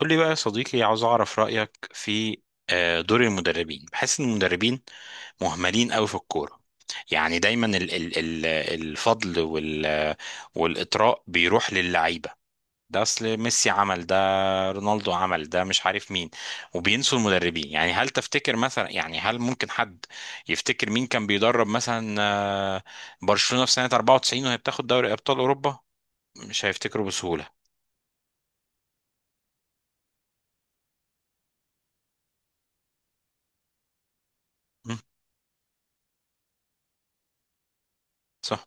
قول لي بقى يا صديقي، عاوز اعرف رأيك في دور المدربين. بحس ان المدربين مهملين قوي في الكورة. يعني دايما ال ال ال الفضل والإطراء بيروح للعيبة. ده اصل ميسي عمل ده، رونالدو عمل ده، مش عارف مين، وبينسوا المدربين. يعني هل تفتكر مثلا، يعني هل ممكن حد يفتكر مين كان بيدرب مثلا برشلونة في سنة 94 وهي بتاخد دوري أبطال أوروبا؟ مش هيفتكروا بسهولة. م، صح،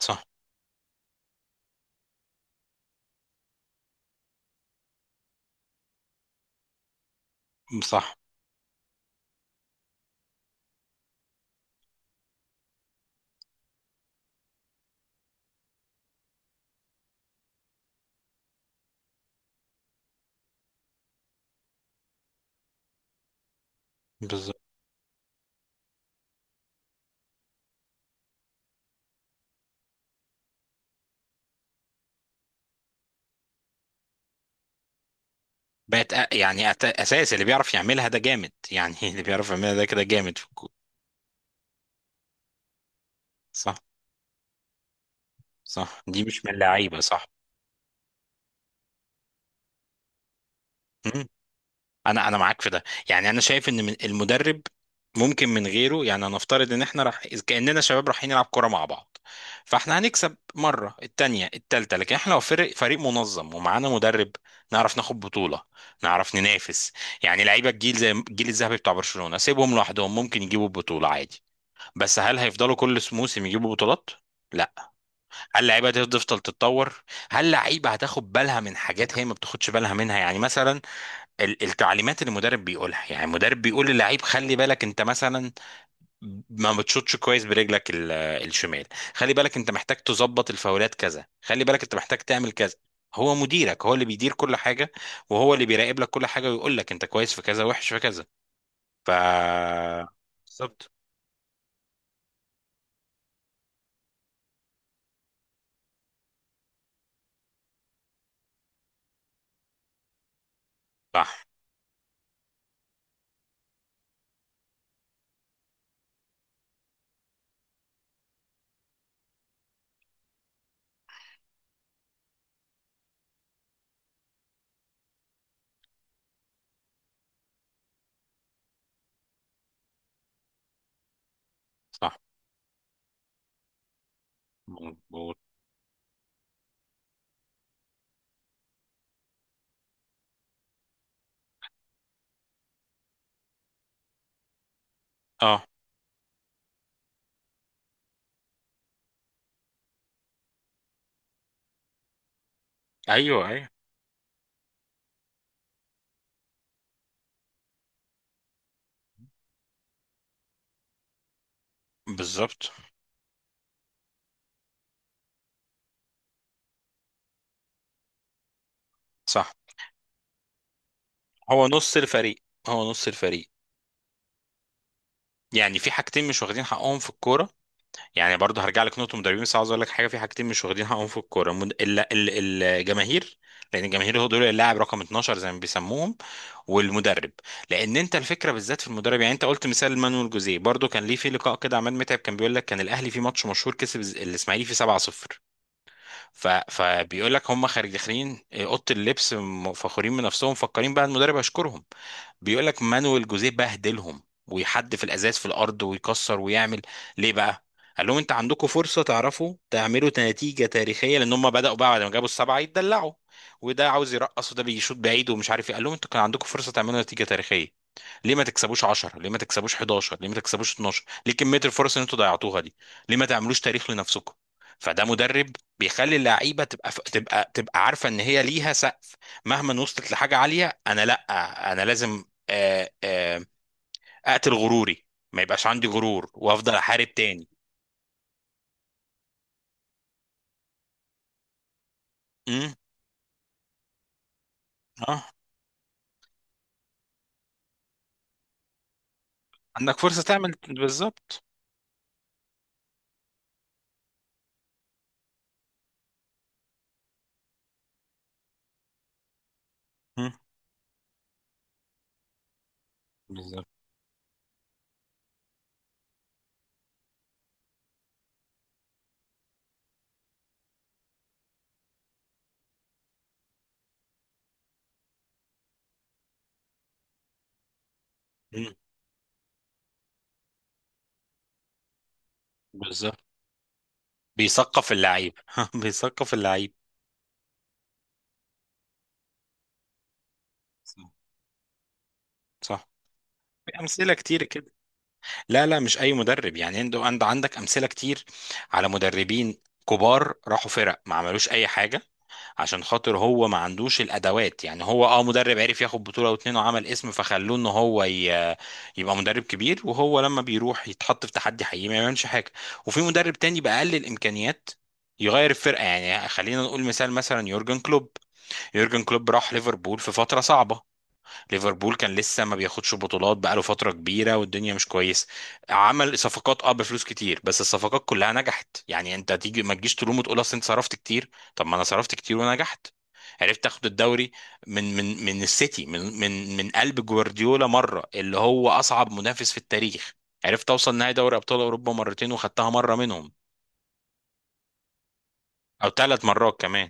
صح، صح، بالظبط. بقت أ- يعني أت- اساس اللي بيعرف يعملها ده جامد. يعني اللي بيعرف يعملها ده كده جامد في الكوره. صح، صح، دي مش من اللعيبه، صح. مم. انا معاك في ده. يعني انا شايف ان من المدرب ممكن. من غيره يعني هنفترض ان احنا راح، إذ كاننا شباب رايحين نلعب كوره مع بعض، فاحنا هنكسب مره، التانيه، التالته، لكن احنا لو فريق منظم ومعانا مدرب، نعرف ناخد بطوله، نعرف ننافس. يعني لعيبه الجيل زي الجيل الذهبي بتاع برشلونه سيبهم لوحدهم ممكن يجيبوا البطوله عادي، بس هل هيفضلوا كل موسم يجيبوا بطولات؟ لا. هل لعيبه هتفضل تتطور؟ هل لعيبه هتاخد بالها من حاجات هي ما بتاخدش بالها منها؟ يعني مثلا التعليمات اللي المدرب بيقولها. يعني المدرب بيقول للعيب: خلي بالك انت مثلا ما بتشوطش كويس برجلك الشمال، خلي بالك انت محتاج تظبط الفاولات كذا، خلي بالك انت محتاج تعمل كذا. هو مديرك، هو اللي بيدير كل حاجه، وهو اللي بيراقب لك كل حاجه ويقول لك انت كويس في كذا وحش في كذا. ف بالظبط، صح، صح، مظبوط، اه، ايوه، ايوه، بالظبط، صح. هو نص الفريق، هو نص الفريق. يعني في حاجتين مش واخدين حقهم في الكوره. يعني برضه هرجع لك نقطه مدربين، بس عاوز اقول لك حاجه: في حاجتين مش واخدين حقهم في الكوره: الجماهير، لان الجماهير هو دول اللاعب رقم 12 زي ما بيسموهم، والمدرب. لان انت الفكره بالذات في المدرب. يعني انت قلت مثال مانويل جوزيه، برضه كان ليه في لقاء كده عماد متعب كان بيقول لك كان الاهلي في ماتش مشهور كسب الاسماعيلي فيه 7-0. فبيقول لك هم خارج داخلين اوضه اللبس، فخورين من نفسهم مفكرين بقى المدرب هيشكرهم. بيقول لك مانويل جوزيه بهدلهم ويحدف الازاز في الارض ويكسر ويعمل. ليه بقى؟ قال لهم: انت عندكم فرصه تعرفوا تعملوا نتيجه تاريخيه، لان هم بداوا بقى بعد ما جابوا السبعه يتدلعوا، وده عاوز يرقص وده بيشوط بعيد ومش عارف ايه. قال لهم: انتوا كان عندكم فرصه تعملوا نتيجه تاريخيه. ليه ما تكسبوش 10؟ ليه ما تكسبوش 11؟ ليه ما تكسبوش 12؟ ليه كميه الفرص اللي انتوا ضيعتوها دي؟ ليه ما تعملوش تاريخ لنفسكم؟ فده مدرب بيخلي اللعيبه تبقى تبقى عارفه ان هي ليها سقف. مهما وصلت لحاجه عاليه انا لا، انا لازم آه، آه، اقتل غروري، ما يبقاش عندي غرور وافضل احارب تاني. امم اه، عندك فرصه تعمل بالظبط. مم. بالظبط. مم. بالظبط. بيثقف اللعيب بيثقف اللعيب. صح، صح. في امثله كتير كده. لا، لا، مش اي مدرب. يعني انت عندك امثله كتير على مدربين كبار راحوا فرق ما عملوش اي حاجه عشان خاطر هو ما عندوش الادوات. يعني هو اه مدرب عرف ياخد بطوله او اتنين وعمل اسم فخلوه ان هو يبقى مدرب كبير، وهو لما بيروح يتحط في تحدي حقيقي ما يعملش حاجه. وفي مدرب تاني باقل الامكانيات يغير الفرقه. يعني خلينا نقول مثال، مثلا يورجن كلوب. يورجن كلوب راح ليفربول في فتره صعبه، ليفربول كان لسه ما بياخدش بطولات بقاله فترة كبيرة والدنيا مش كويسة. عمل صفقات اه بفلوس كتير بس الصفقات كلها نجحت. يعني انت تيجي ما تجيش تلوم وتقول اصل انت صرفت كتير. طب ما انا صرفت كتير ونجحت. عرفت اخد الدوري من السيتي، من قلب جوارديولا مرة اللي هو اصعب منافس في التاريخ. عرفت اوصل نهائي دوري ابطال اوروبا مرتين وخدتها مرة منهم، او ثلاث مرات كمان.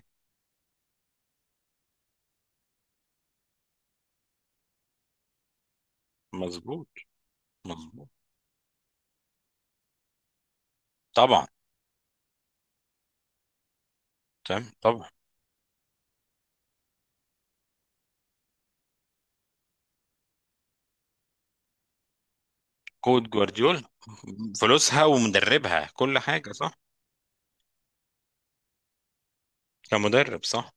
مظبوط، مظبوط. طبعا، تمام، طبعا. كود جوارديولا، فلوسها ومدربها كل حاجة، صح. كمدرب، صح.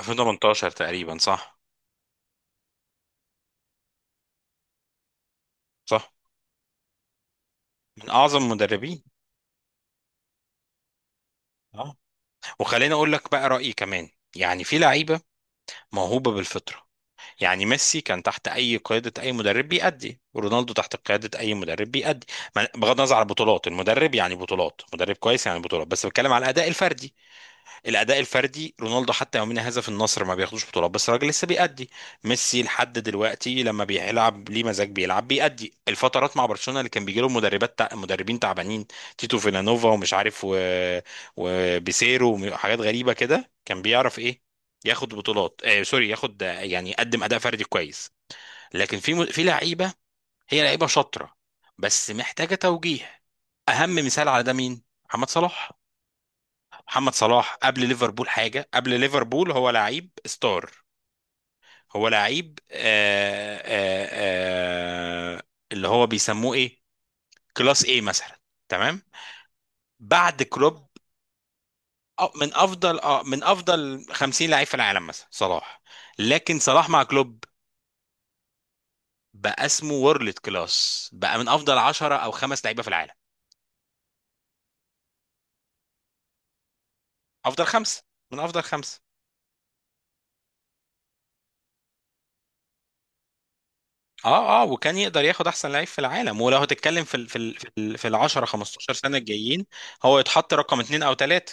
2018 تقريبا، صح، صح. من أعظم مدربين، اه. وخليني أقول لك بقى رأيي كمان. يعني في لعيبة موهوبة بالفطرة. يعني ميسي كان تحت أي قيادة أي مدرب بيأدي، ورونالدو تحت قيادة أي مدرب بيأدي. بغض النظر عن البطولات المدرب، يعني بطولات مدرب كويس يعني بطولات، بس بتكلم على الأداء الفردي. الاداء الفردي، رونالدو حتى يومنا هذا في النصر ما بياخدوش بطولات بس الراجل لسه بيأدي. ميسي لحد دلوقتي لما بيلعب ليه مزاج بيلعب بيأدي. الفترات مع برشلونة اللي كان بيجي لهم مدربين تعبانين، تيتو فيلانوفا ومش عارف وبيسيرو وحاجات غريبة كده، كان بيعرف ايه، ياخد بطولات آه سوري، ياخد يعني يقدم اداء فردي كويس. لكن في لعيبة، هي لعيبة شاطرة بس محتاجة توجيه. اهم مثال على ده مين؟ محمد صلاح. محمد صلاح قبل ليفربول حاجه، قبل ليفربول هو لعيب ستار. هو لعيب آه اللي هو بيسموه ايه، كلاس ايه مثلا. تمام. بعد كلوب، من افضل اه من افضل 50 لعيب في العالم مثلا صلاح. لكن صلاح مع كلوب بقى اسمه وورلد كلاس، بقى من افضل 10 او خمس لعيبه في العالم. افضل خمسه، من افضل خمسه. اه، اه، وكان يقدر ياخد احسن لعيب في العالم، ولو هتتكلم في ال 10 15 سنه الجايين هو يتحط رقم اتنين او تلاته.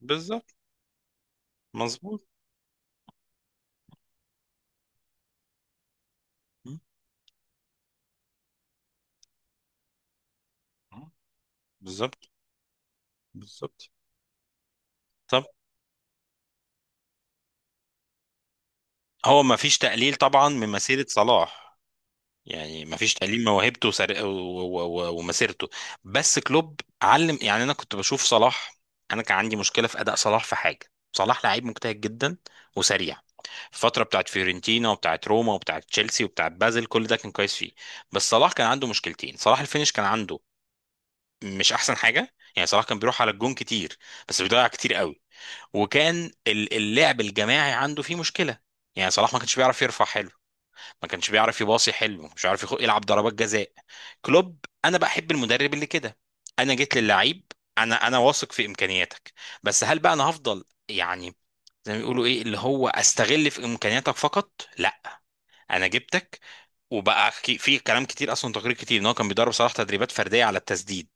بالظبط، مظبوط. م. م. بالظبط، بالظبط. طب هو ما فيش تقليل طبعا من مسيره صلاح. يعني ما فيش تقليل من موهبته ومسيرته. بس كلوب علم. يعني انا كنت بشوف صلاح، انا كان عندي مشكله في اداء صلاح في حاجه. صلاح لعيب مجتهد جدا وسريع. الفترة بتاعت فيورنتينا وبتاعت روما وبتاعت تشيلسي وبتاعت بازل كل ده كان كويس فيه. بس صلاح كان عنده مشكلتين. صلاح الفينش كان عنده مش احسن حاجة. يعني صلاح كان بيروح على الجون كتير بس بيضيع كتير قوي. وكان اللعب الجماعي عنده فيه مشكلة. يعني صلاح ما كانش بيعرف يرفع حلو، ما كانش بيعرف يباصي حلو، ما كانش بيعرف يلعب ضربات جزاء. كلوب، انا بحب المدرب اللي كده. انا جيت للعيب، انا واثق في امكانياتك، بس هل بقى انا هفضل يعني زي ما بيقولوا ايه اللي هو استغل في امكانياتك فقط؟ لا، انا جبتك. وبقى في كلام كتير اصلا، تقرير كتير ان هو كان بيدرب صلاح تدريبات فرديه على التسديد.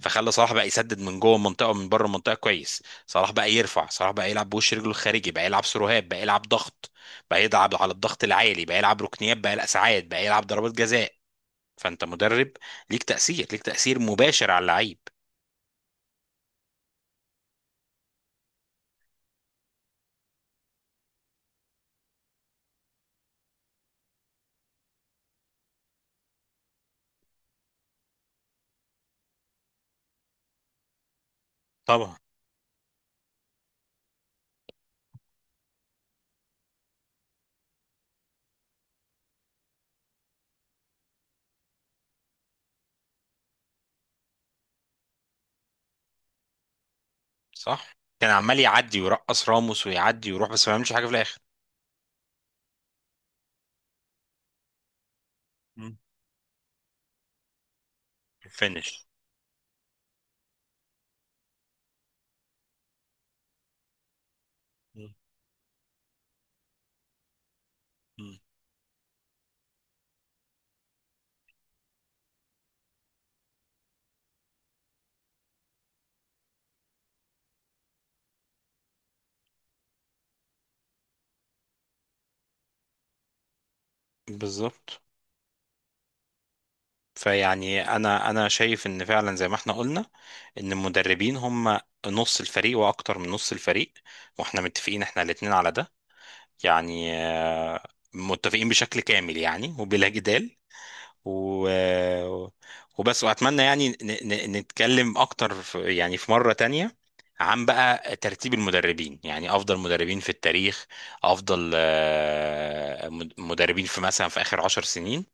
فخلى صلاح بقى يسدد من جوه المنطقه ومن بره المنطقه كويس، صلاح بقى يرفع، صلاح بقى يلعب بوش رجله الخارجي، بقى يلعب سروهات، بقى يلعب ضغط، بقى يلعب على الضغط العالي، بقى يلعب ركنيات، بقى يلعب ساعات، بقى يلعب ضربات جزاء. فانت مدرب، ليك تاثير، ليك تاثير مباشر على اللعيب. طبعا. صح، كان عمال يعدي ويرقص راموس ويعدي ويروح بس ما يعملش حاجه في الاخر. مم. فينش. مم. بالظبط. فيعني انا شايف ان فعلا زي ما احنا قلنا ان المدربين هم نص الفريق واكتر من نص الفريق. واحنا متفقين، احنا الاتنين على ده. يعني متفقين بشكل كامل يعني وبلا جدال. و... وبس. واتمنى يعني نتكلم اكتر يعني في مرة تانية عن بقى ترتيب المدربين. يعني افضل مدربين في التاريخ، افضل مدربين في مثلا في اخر عشر سنين.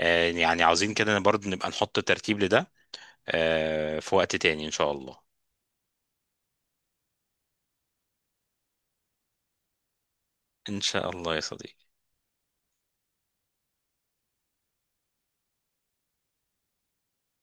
يعني عاوزين كده برضه نبقى نحط ترتيب لده في وقت تاني إن شاء الله. إن شاء الله يا صديقي.